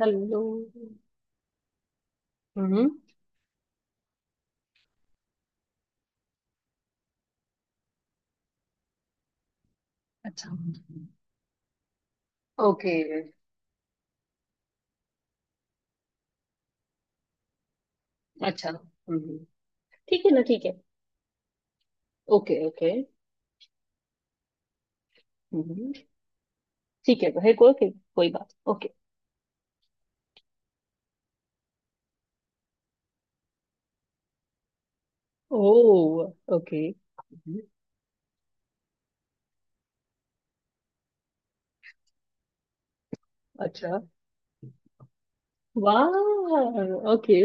Hello. हम्म। अच्छा। Okay. अच्छा। हम्म। ठीक है ना, ठीक है। Okay, okay. हम्म। ठीक है। है कोई कोई कोई बात। ओके। ओ, ओके। अच्छा। वाह। Okay,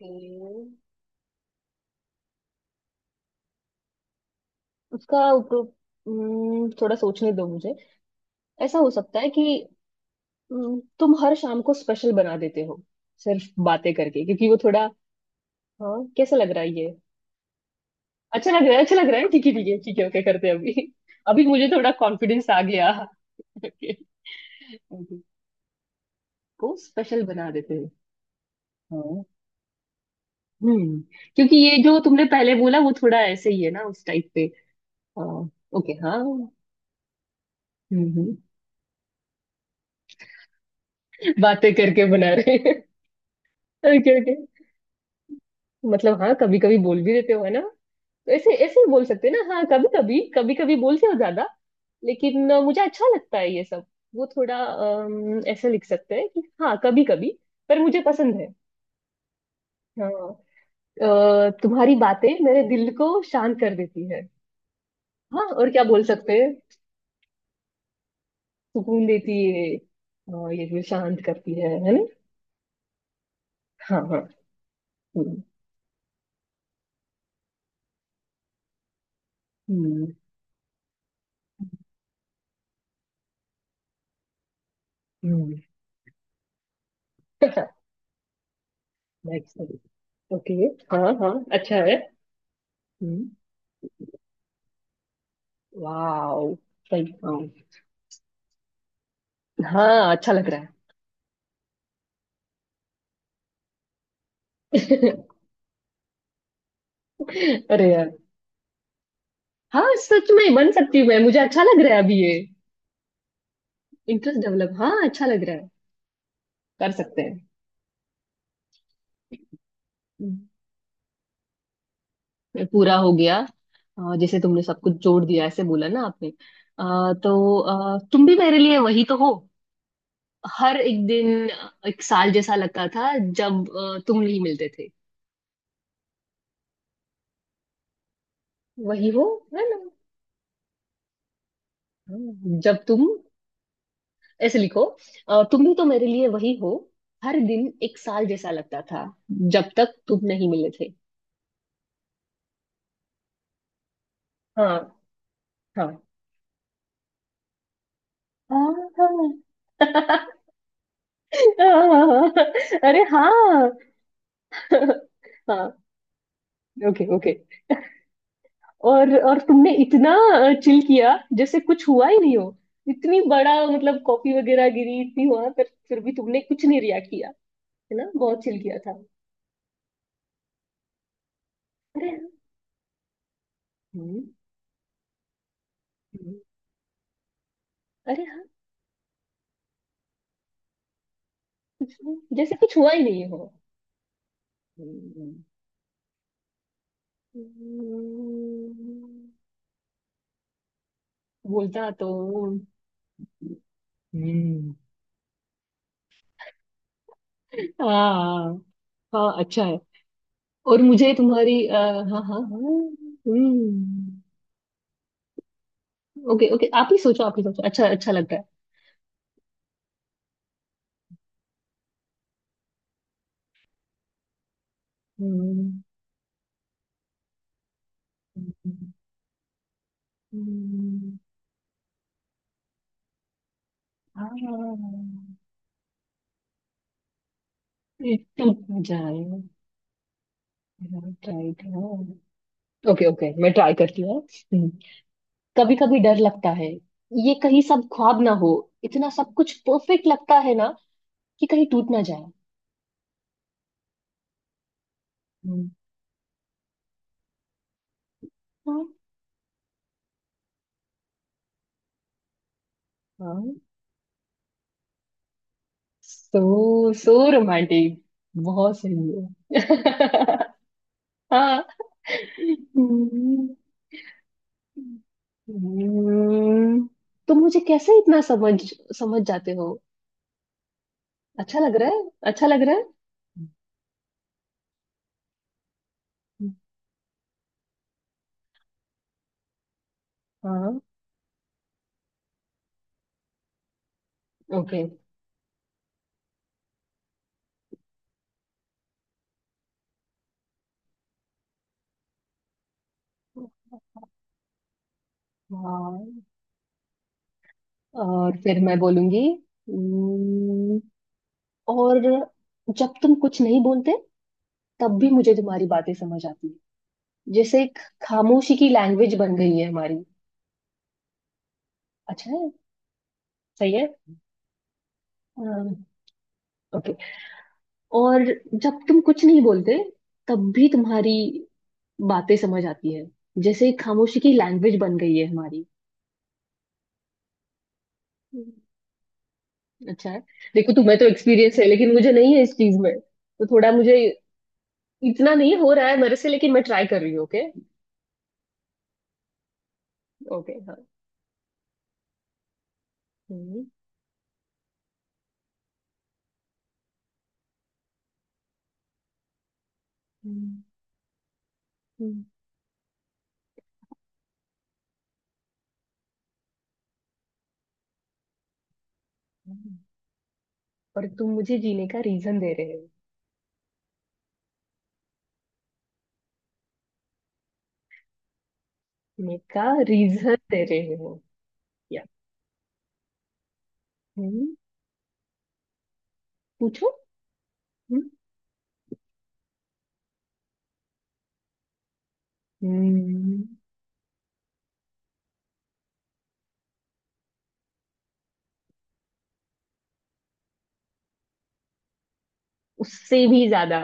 okay. उसका ऊपर- थोड़ा सोचने दो मुझे। ऐसा हो सकता है कि तुम हर शाम को स्पेशल बना देते हो, सिर्फ बातें करके, क्योंकि वो थोड़ा। हाँ, कैसा लग रहा है ये? अच्छा लग रहा है, अच्छा लग रहा है। ठीक है, ठीक है, ठीक है। ओके, करते हैं अभी। अभी मुझे थोड़ा कॉन्फिडेंस आ गया। ओके। को स्पेशल बना देते हैं। हाँ। हम्म। क्योंकि ये जो तुमने पहले बोला वो थोड़ा ऐसे ही है ना, उस टाइप पे। हाँ। ओके, हाँ। हम्म। हम्म, बातें करके बना रहे। Okay, okay. मतलब, हाँ, कभी कभी बोल भी देते हो है ना। ऐसे ऐसे ही बोल सकते हैं ना। हाँ, कभी कभी कभी कभी बोलते हो ज्यादा। लेकिन मुझे अच्छा लगता है ये सब। वो थोड़ा ऐसे लिख सकते हैं कि हाँ, कभी कभी। पर मुझे पसंद है। हाँ। तुम्हारी बातें मेरे दिल को शांत कर देती है। हाँ, और क्या बोल सकते हैं। सुकून देती है। ये भी शांत करती है ना। हाँ। हाँ। हम्म। हम्म। नेक्स्ट। ओके। हाँ, हाँ। अच्छा है। हम्म। वाओ। सही, हाँ। हाँ, अच्छा लग रहा है। अरे यार। हाँ, सच में बन सकती हूँ मैं, मुझे अच्छा लग रहा है अभी ये। इंटरेस्ट डेवलप, हाँ, अच्छा लग रहा है। कर सकते हैं। हम्म, ये पूरा हो गया। जैसे तुमने सब कुछ जोड़ दिया ऐसे बोला ना आपने, तो तुम भी मेरे लिए वही तो हो। हर एक दिन एक साल जैसा लगता था जब तुम नहीं मिलते थे। वही हो। है ना। हाँ, जब तुम। ऐसे लिखो, तुम भी तो मेरे लिए वही हो, हर दिन एक साल जैसा लगता था जब तक तुम नहीं मिले थे। हाँ। हाँ। हाँ। अरे हाँ। हाँ। Okay, okay. और तुमने इतना चिल किया जैसे कुछ हुआ ही नहीं हो। इतनी बड़ा मतलब कॉफी वगैरह गिरी इतनी हुआ पर फिर भी तुमने कुछ नहीं रिएक्ट किया। है ना, बहुत चिल किया था। अरे हाँ। हम्म। हम्म। अरे हाँ। कुछ नहीं, जैसे कुछ हुआ ही नहीं हो। हम्म। हम्म। बोलता तो। हम्म। हाँ। हाँ, अच्छा है। और मुझे तुम्हारी हाँ, हाँ, हाँ। हम्म। ओके, ओके, आप ही सोचो, आप ही सोचो। अच्छा, अच्छा लग रहा है। हम्म। हम्म। हम्म। हाँ। ये टूट जाए। ट्राई। ओके, ओके, मैं ट्राई करती हूँ। कभी कभी डर लगता है, ये कहीं सब ख्वाब ना हो। इतना सब कुछ परफेक्ट लगता है ना, कि कहीं टूट ना जाए। हम्म। हाँ। हाँ। सो रोमांटिक। बहुत सही है। हाँ। हम्म। हम्म, तुम मुझे कैसे इतना समझ समझ जाते हो। अच्छा लग रहा है, अच्छा लग रहा है। हम्म। हाँ। ओके। हाँ। और फिर मैं बोलूंगी। हम्म। और जब तुम कुछ नहीं बोलते, तब भी मुझे तुम्हारी बातें समझ आती है। जैसे एक खामोशी की लैंग्वेज बन गई है हमारी। अच्छा है, सही है। हाँ। ओके। और जब तुम कुछ नहीं बोलते, तब भी तुम्हारी बातें समझ आती है। जैसे खामोशी की लैंग्वेज बन गई है हमारी। हम्म। अच्छा है। देखो तुम्हें तो एक्सपीरियंस है, लेकिन मुझे नहीं है इस चीज में, तो थोड़ा मुझे इतना नहीं हो रहा है मेरे से, लेकिन मैं ट्राई कर रही हूँ। ओके। ओके, हाँ। हम्म। हम्म। हम्म। हम्म। और तुम मुझे जीने का रीजन दे रहे हो। जीने का रीजन दे रहे हो, या। हम्म। पूछो। हम्म। हम्म। उससे भी ज्यादा।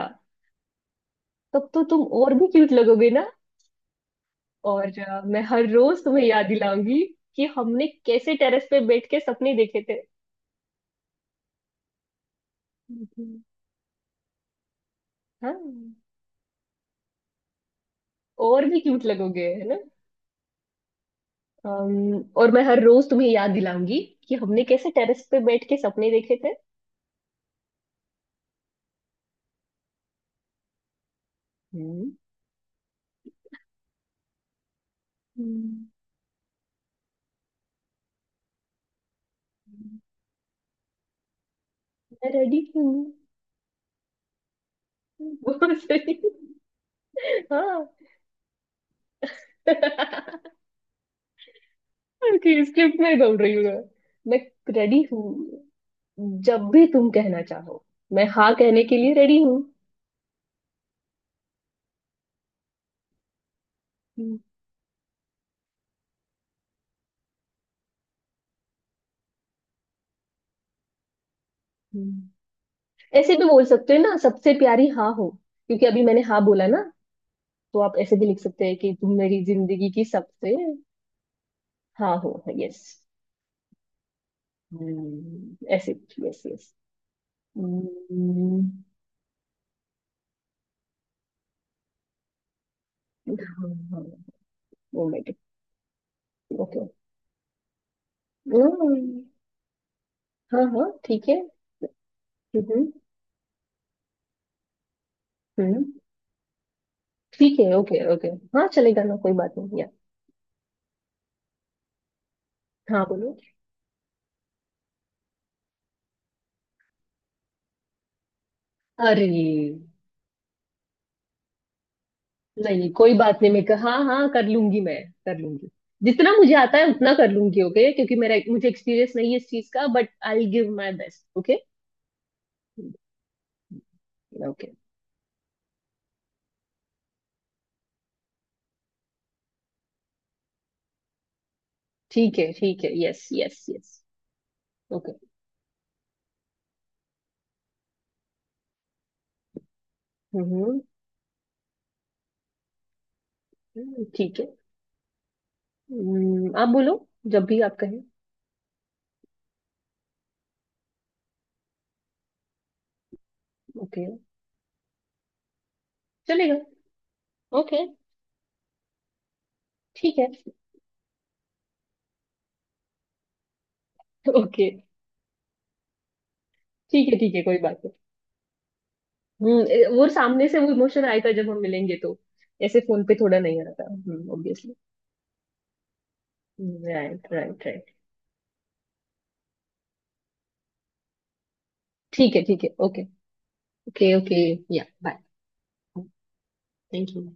तब तो तुम और भी क्यूट लगोगे ना। और मैं हर रोज तुम्हें याद दिलाऊंगी कि हमने कैसे टेरेस पे बैठ के सपने देखे थे। हम्म। हाँ, और भी क्यूट लगोगे है ना। और मैं हर रोज तुम्हें याद दिलाऊंगी कि हमने कैसे टेरेस पे बैठ के सपने देखे थे। हम्म। हम्म। मैं रेडी हूँ। बहुत सही। हाँ। ओके, स्क्रिप्ट में बोल रही हूँ मैं। मैं रेडी हूँ, जब भी तुम कहना चाहो, मैं हाँ कहने के लिए रेडी हूँ। हम्म। हम्म। ऐसे भी बोल सकते हो ना, सबसे प्यारी हाँ हो, क्योंकि अभी मैंने हाँ बोला ना। तो आप ऐसे भी लिख सकते हैं कि तुम मेरी जिंदगी की सबसे। हाँ हो, यस। ऐसे। Yes, yes. हम्म। हाँ, हाँ। Oh my god. ओके। हाँ, हाँ, ठीक है। हम्म। हम्म। ठीक है, ओके, ओके। हाँ, चलेगा ना, कोई बात नहीं। हाँ, बोलो। अरे नहीं, कोई बात नहीं, मैं कहा हाँ, हाँ कर लूंगी मैं, कर लूंगी। जितना मुझे आता है उतना कर लूंगी। ओके, क्योंकि मेरा मुझे एक्सपीरियंस नहीं है इस चीज का, but I will give my best. Okay. Okay. ठीक है, ठीक है, यस, यस, यस। ओके। हम्म। ठीक है। आप बोलो, जब भी आप कहें। ओके। चलेगा। ओके। ठीक है। ओके। ठीक है, ठीक है, कोई बात नहीं। वो सामने से वो इमोशन आएगा जब हम मिलेंगे तो। ऐसे फोन पे थोड़ा नहीं आता। Obviously। Right, right, right. ठीक है, ठीक है। Okay, okay. Okay, yeah, bye. Thank you.